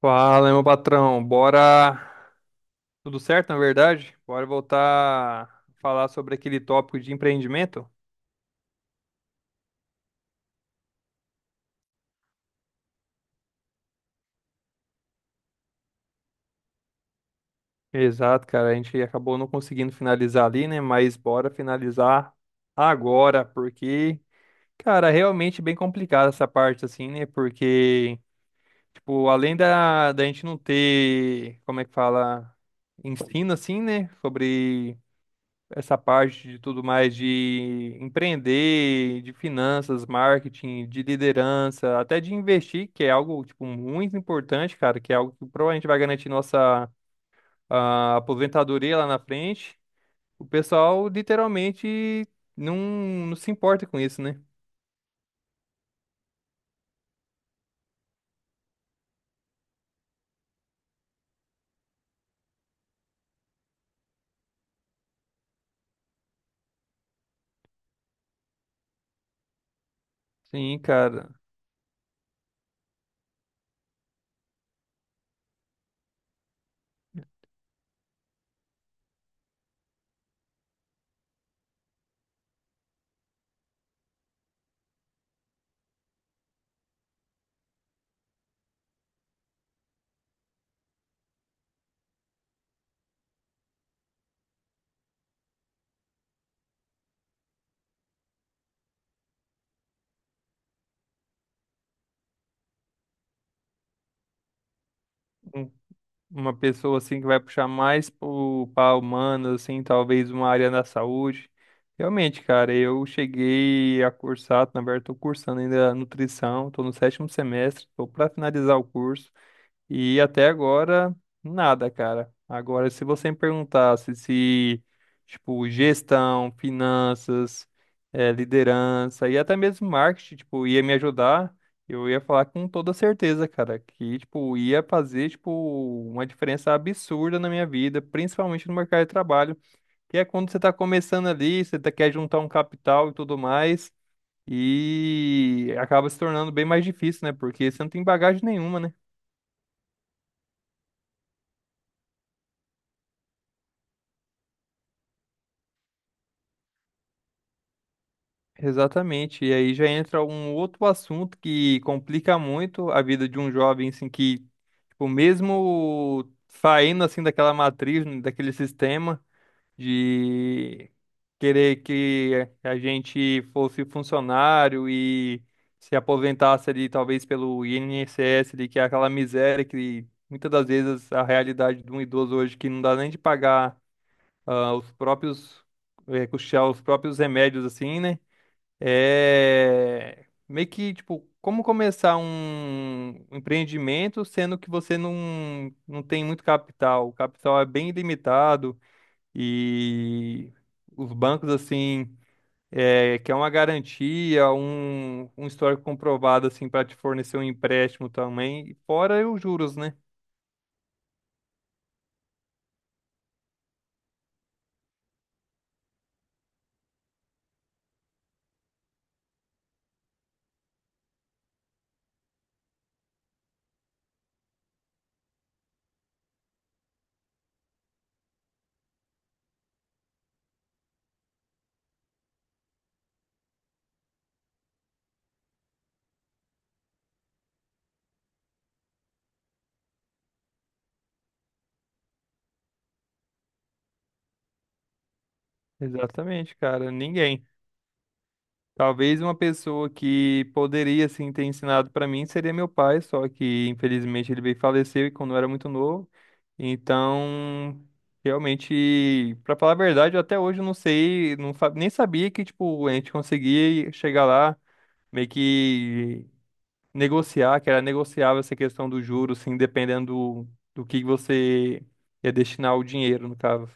Fala, meu patrão. Bora. Tudo certo, na verdade? Bora voltar a falar sobre aquele tópico de empreendimento? Exato, cara. A gente acabou não conseguindo finalizar ali, né? Mas bora finalizar agora, porque, cara, realmente bem complicada essa parte, assim, né? Porque, tipo, além da gente não ter, como é que fala, ensino, assim, né? Sobre essa parte de tudo mais de empreender, de finanças, marketing, de liderança, até de investir, que é algo tipo muito importante, cara, que é algo que provavelmente vai garantir nossa aposentadoria lá na frente. O pessoal literalmente não, não se importa com isso, né? Sim, cara. Uma pessoa assim que vai puxar mais para humanas, assim, talvez uma área da saúde. Realmente, cara, eu cheguei a cursar, na verdade, estou cursando ainda nutrição, estou no sétimo semestre, estou para finalizar o curso. E até agora, nada, cara. Agora, se você me perguntasse se, tipo, gestão, finanças, liderança e até mesmo marketing, tipo, ia me ajudar, eu ia falar com toda certeza, cara, que, tipo, ia fazer, tipo, uma diferença absurda na minha vida, principalmente no mercado de trabalho, que é quando você tá começando ali, você quer juntar um capital e tudo mais, e acaba se tornando bem mais difícil, né? Porque você não tem bagagem nenhuma, né? Exatamente. E aí já entra um outro assunto que complica muito a vida de um jovem, assim, que, tipo, mesmo saindo, assim, daquela matriz, né, daquele sistema de querer que a gente fosse funcionário e se aposentasse ali, talvez pelo INSS ali, que é aquela miséria que muitas das vezes a realidade de um idoso hoje que não dá nem de pagar os custear os próprios remédios, assim, né? É meio que, tipo, como começar um empreendimento sendo que você não tem muito capital? O capital é bem limitado e os bancos, assim, é, que é uma garantia, um histórico comprovado, assim, para te fornecer um empréstimo também. E fora os juros, né? Exatamente, cara. Ninguém. Talvez uma pessoa que poderia assim ter ensinado para mim seria meu pai, só que infelizmente ele veio e faleceu e quando eu era muito novo. Então, realmente, para falar a verdade, eu até hoje não sei, nem sabia que tipo a gente conseguia chegar lá, meio que negociar, que era negociável essa questão do juros, assim, dependendo do que você ia destinar o dinheiro, no caso.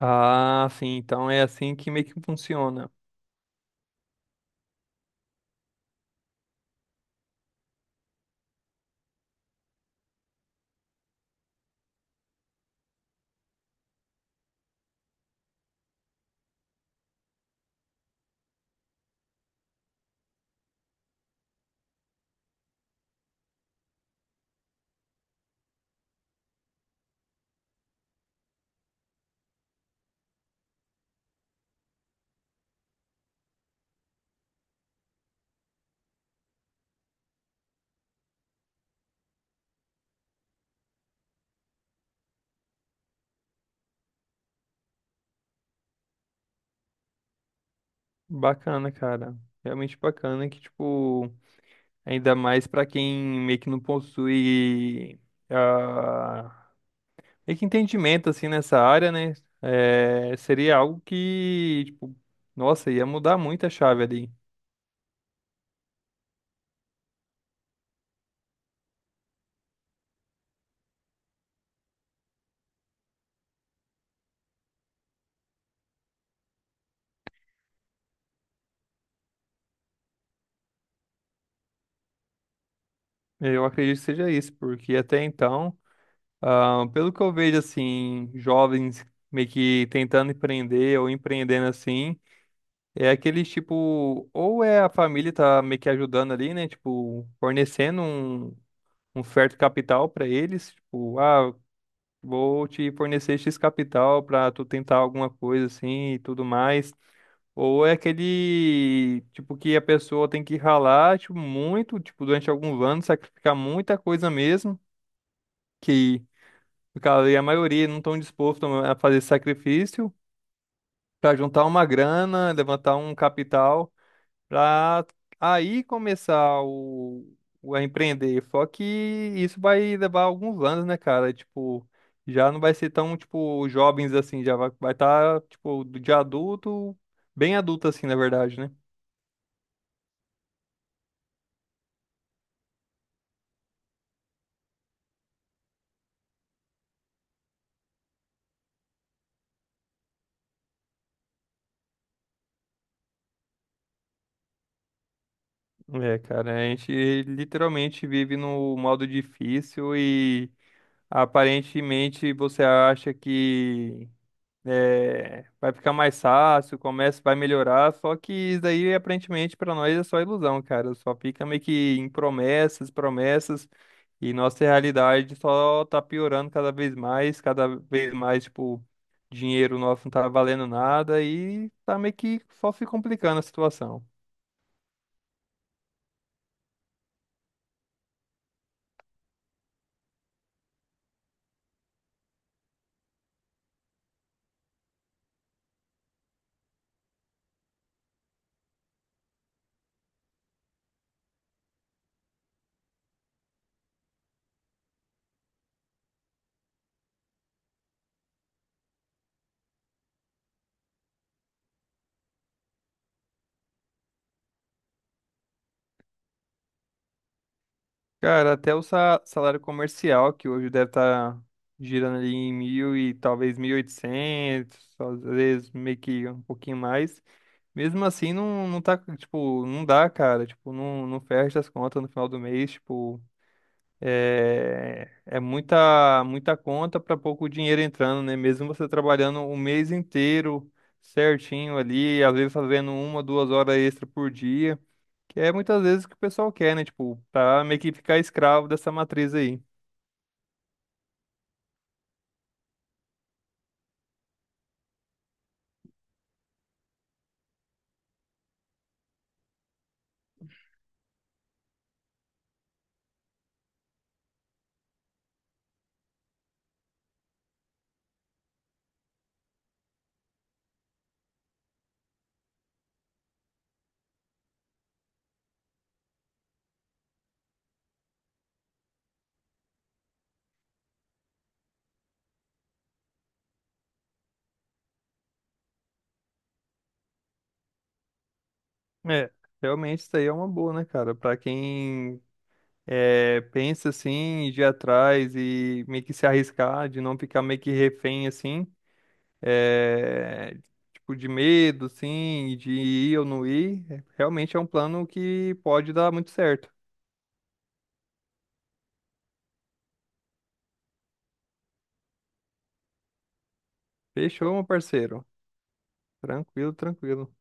Ah, sim, então é assim que meio que funciona. Bacana, cara. Realmente bacana que, tipo, ainda mais pra quem meio que não possui ah, meio que entendimento, assim, nessa área, né? É, seria algo que, tipo, nossa, ia mudar muito a chave ali. Eu acredito que seja isso, porque até então, pelo que eu vejo, assim, jovens meio que tentando empreender ou empreendendo assim, é aquele tipo, ou é a família tá meio que ajudando ali, né? Tipo, fornecendo um certo capital para eles, tipo, vou te fornecer X capital para tu tentar alguma coisa assim e tudo mais. Ou é aquele tipo que a pessoa tem que ralar, tipo, muito, tipo, durante alguns anos, sacrificar muita coisa mesmo, que cara, e a maioria não estão dispostos a fazer esse sacrifício para juntar uma grana, levantar um capital. Para aí começar o a empreender. Só que isso vai levar alguns anos, né, cara? Tipo, já não vai ser tão, tipo, jovens assim, já vai estar, tipo, de adulto, bem adulto assim, na verdade, né? É, cara, a gente literalmente vive no modo difícil e aparentemente você acha que vai ficar mais fácil, o comércio vai melhorar, só que isso daí aparentemente para nós é só ilusão, cara. Só fica meio que em promessas, promessas, e nossa realidade só tá piorando cada vez mais, tipo, dinheiro nosso não tá valendo nada e tá meio que só se complicando a situação. Cara, até o salário comercial, que hoje deve estar girando ali em 1.000 e talvez 1.800, às vezes meio que um pouquinho mais. Mesmo assim, não tá, tipo, não dá, cara. Tipo, não fecha as contas no final do mês, tipo, é muita, muita conta para pouco dinheiro entrando, né? Mesmo você trabalhando o mês inteiro certinho ali, às vezes fazendo uma, 2 horas extra por dia, que é muitas vezes o que o pessoal quer, né? Tipo, pra meio que ficar escravo dessa matriz aí. É, realmente isso aí é uma boa, né, cara? Pra quem é, pensa assim, de ir atrás e meio que se arriscar, de não ficar meio que refém assim, é, tipo de medo, assim, de ir ou não ir, é, realmente é um plano que pode dar muito certo. Fechou, meu parceiro? Tranquilo, tranquilo.